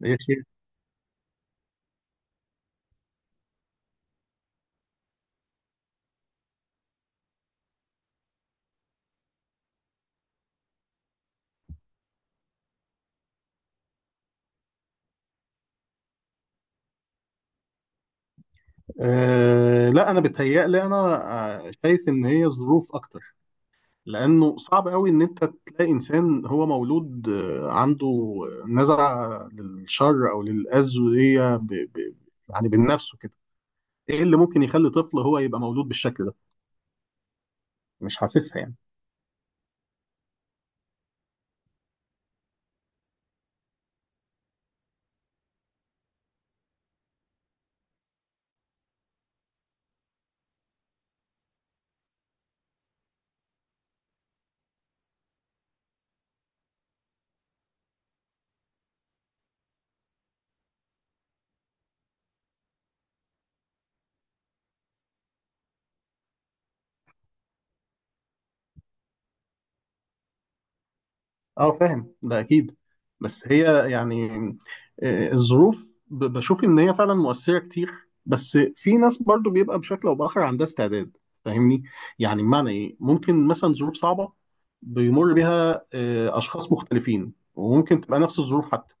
يا شيخ. لا، انا بتهيألي انا شايف ان هي ظروف اكتر. لانه صعب قوي ان انت تلاقي انسان هو مولود، عنده نزعه للشر او للاذى دي. ب- ب- يعني بنفسه كده. ايه اللي ممكن يخلي طفل هو يبقى مولود بالشكل ده؟ مش حاسسها يعني. اه فاهم ده اكيد. بس هي يعني الظروف، بشوف ان هي فعلا مؤثره كتير. بس في ناس برضو بيبقى بشكل او باخر عندها استعداد. فاهمني؟ يعني بمعنى ايه؟ ممكن مثلا ظروف صعبه بيمر بيها اشخاص مختلفين، وممكن تبقى نفس الظروف حتى،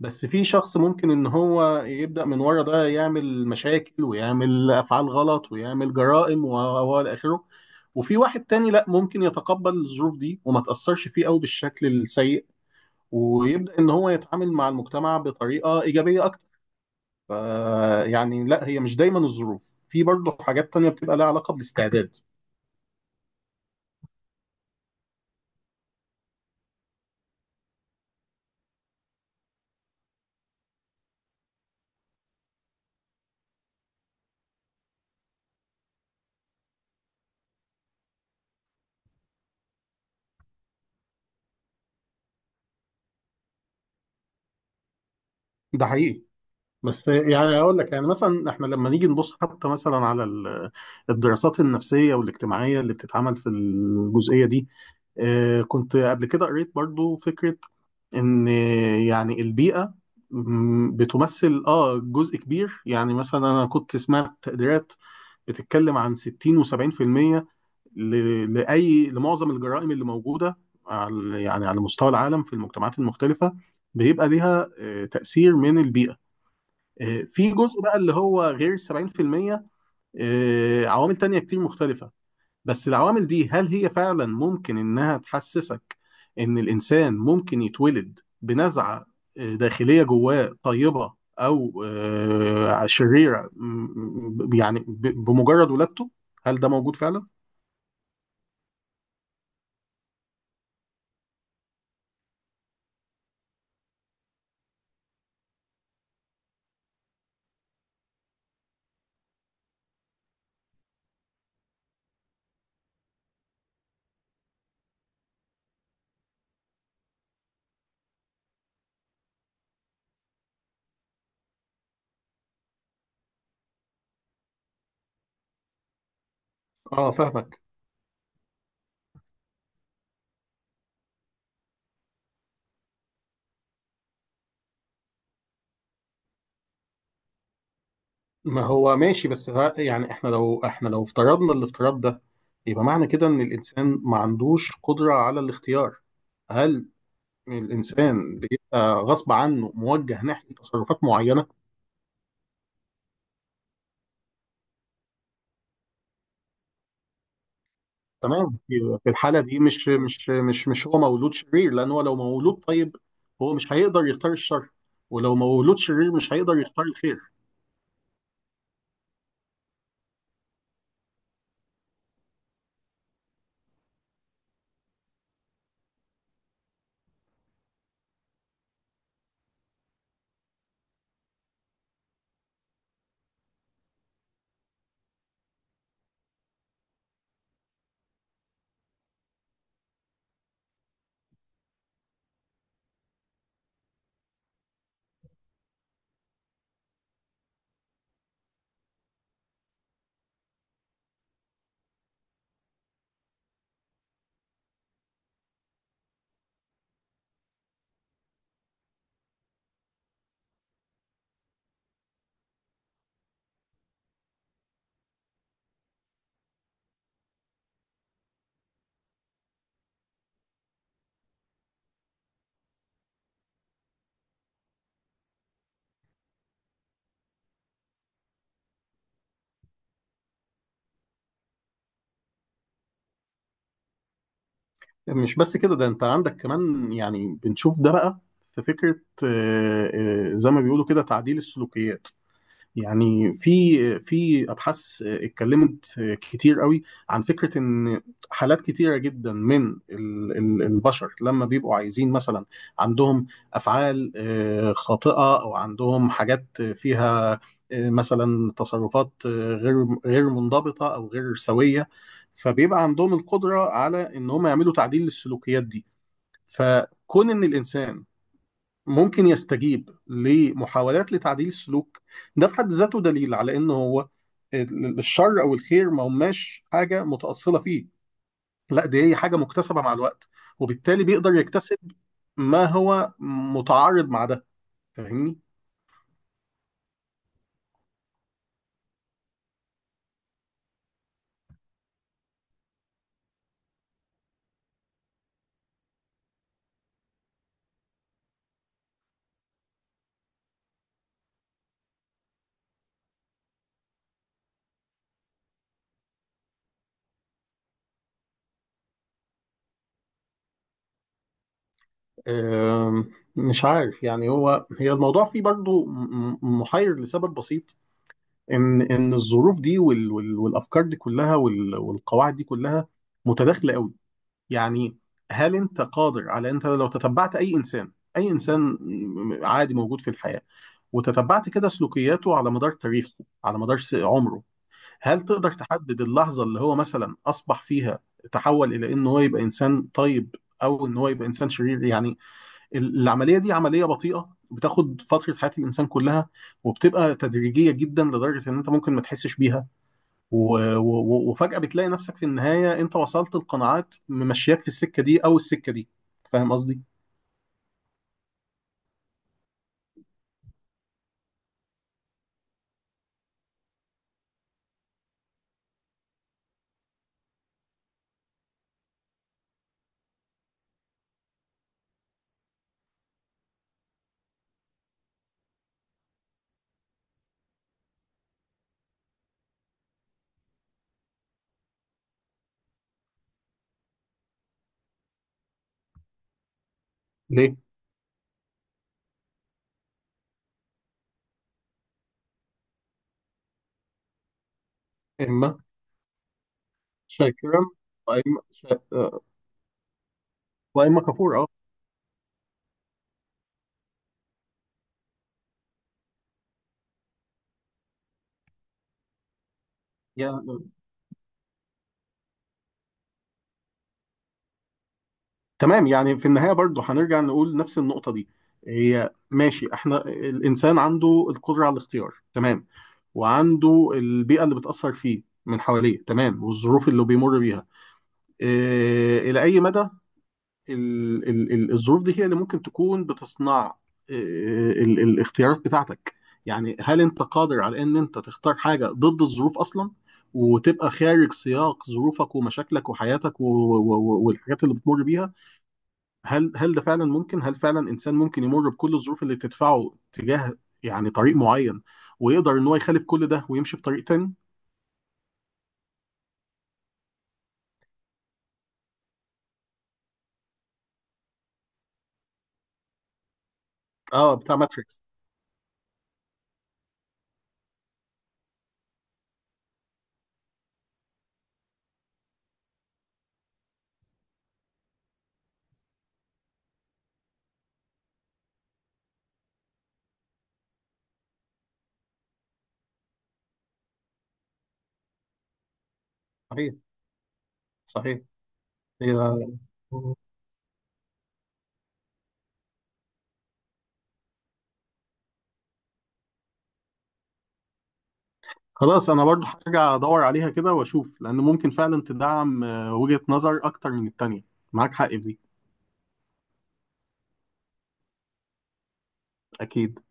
بس في شخص ممكن ان هو يبدأ من ورا ده يعمل مشاكل ويعمل افعال غلط ويعمل جرائم و الى اخره. وفي واحد تاني لا، ممكن يتقبل الظروف دي وما تأثرش فيه قوي بالشكل السيء ويبدأ ان هو يتعامل مع المجتمع بطريقة إيجابية اكتر. ف- يعني لا، هي مش دايما الظروف. في برضه حاجات تانية بتبقى لها علاقة بالاستعداد. ده حقيقي. بس يعني اقول لك، يعني مثلا احنا لما نيجي نبص حتى مثلا على الدراسات النفسيه والاجتماعيه اللي بتتعمل في الجزئيه دي، كنت قبل كده قريت برضو فكره ان يعني البيئه، بتمثل اه جزء كبير. يعني مثلا انا كنت سمعت تقديرات بتتكلم عن 60 و70% ل لمعظم الجرائم اللي موجوده على، يعني على مستوى العالم في المجتمعات المختلفه، بيبقى ليها تاثير من البيئه. في جزء بقى اللي هو غير 70%، عوامل تانية كتير مختلفة. بس العوامل دي هل هي فعلا ممكن إنها تحسسك إن الإنسان ممكن يتولد بنزعة داخلية جواه طيبة، أو شريرة، يعني بمجرد ولادته؟ هل ده موجود فعلا؟ اه فاهمك. ما هو ماشي، بس يعني احنا لو افترضنا الافتراض ده، يبقى معنى كده ان الانسان ما عندوش قدرة على الاختيار. هل الانسان بيبقى غصب عنه موجه ناحيه تصرفات معينه؟ تمام. في الحاله دي مش هو مولود شرير. لان هو لو مولود طيب، هو مش هيقدر يختار الشر، ولو مولود شرير مش هيقدر يختار الخير. مش بس كده، ده انت عندك كمان، يعني بنشوف ده بقى، في فكره، زي ما بيقولوا كده، تعديل السلوكيات. يعني في ابحاث اتكلمت كتير قوي عن فكره ان حالات كتيره جدا من البشر لما بيبقوا عايزين مثلا، عندهم افعال خاطئه، او عندهم حاجات فيها مثلا تصرفات غير منضبطه او غير سويه، فبيبقى عندهم القدره على ان هم يعملوا تعديل للسلوكيات دي. فكون ان الانسان ممكن يستجيب لمحاولات لتعديل السلوك، ده في حد ذاته دليل على ان هو الشر او الخير ما هماش حاجه متاصله فيه. لا، دي هي حاجه مكتسبه مع الوقت، وبالتالي بيقدر يكتسب. ما هو متعارض مع ده. فاهمني؟ مش عارف يعني. هو هي الموضوع فيه برضو محير لسبب بسيط، ان الظروف دي والافكار دي كلها والقواعد دي كلها متداخله قوي. يعني هل انت قادر على، انت لو تتبعت اي انسان، اي انسان عادي موجود في الحياة، وتتبعت كده سلوكياته على مدار تاريخه، على مدار عمره، هل تقدر تحدد اللحظة اللي هو مثلا اصبح فيها، تحول الى ان هو يبقى انسان طيب او ان هو يبقى انسان شرير؟ يعني العملية دي عملية بطيئة بتاخد فترة حياة الانسان كلها، وبتبقى تدريجية جدا لدرجة ان انت ممكن ما تحسش بيها، وفجأة بتلاقي نفسك في النهاية، انت وصلت لقناعات ممشياك في السكة دي او السكة دي. فاهم قصدي؟ ليه؟ اما شاكرا، واما شا- آه، واما كفور، اه يعني. تمام، يعني في النهاية برضو هنرجع نقول نفس النقطة دي. هي ماشي، احنا الانسان عنده القدرة على الاختيار، تمام، وعنده البيئة اللي بتأثر فيه من حواليه، تمام، والظروف اللي بيمر بيها إيه، إلى أي مدى الظروف دي هي اللي ممكن تكون بتصنع الاختيارات بتاعتك؟ يعني هل انت قادر على ان انت تختار حاجة ضد الظروف اصلا، وتبقى خارج سياق ظروفك ومشاكلك وحياتك والحاجات اللي بتمر بيها؟ هل ده فعلا ممكن؟ هل فعلا انسان ممكن يمر بكل الظروف اللي بتدفعه تجاه يعني طريق معين ويقدر ان هو يخالف كل ده ويمشي في طريق تاني؟ اه، بتاع ماتريكس. صحيح، صحيح. هي خلاص، انا برضو هرجع ادور عليها كده واشوف، لان ممكن فعلا تدعم وجهة نظر اكتر من التانية. معاك حق في دي. اكيد.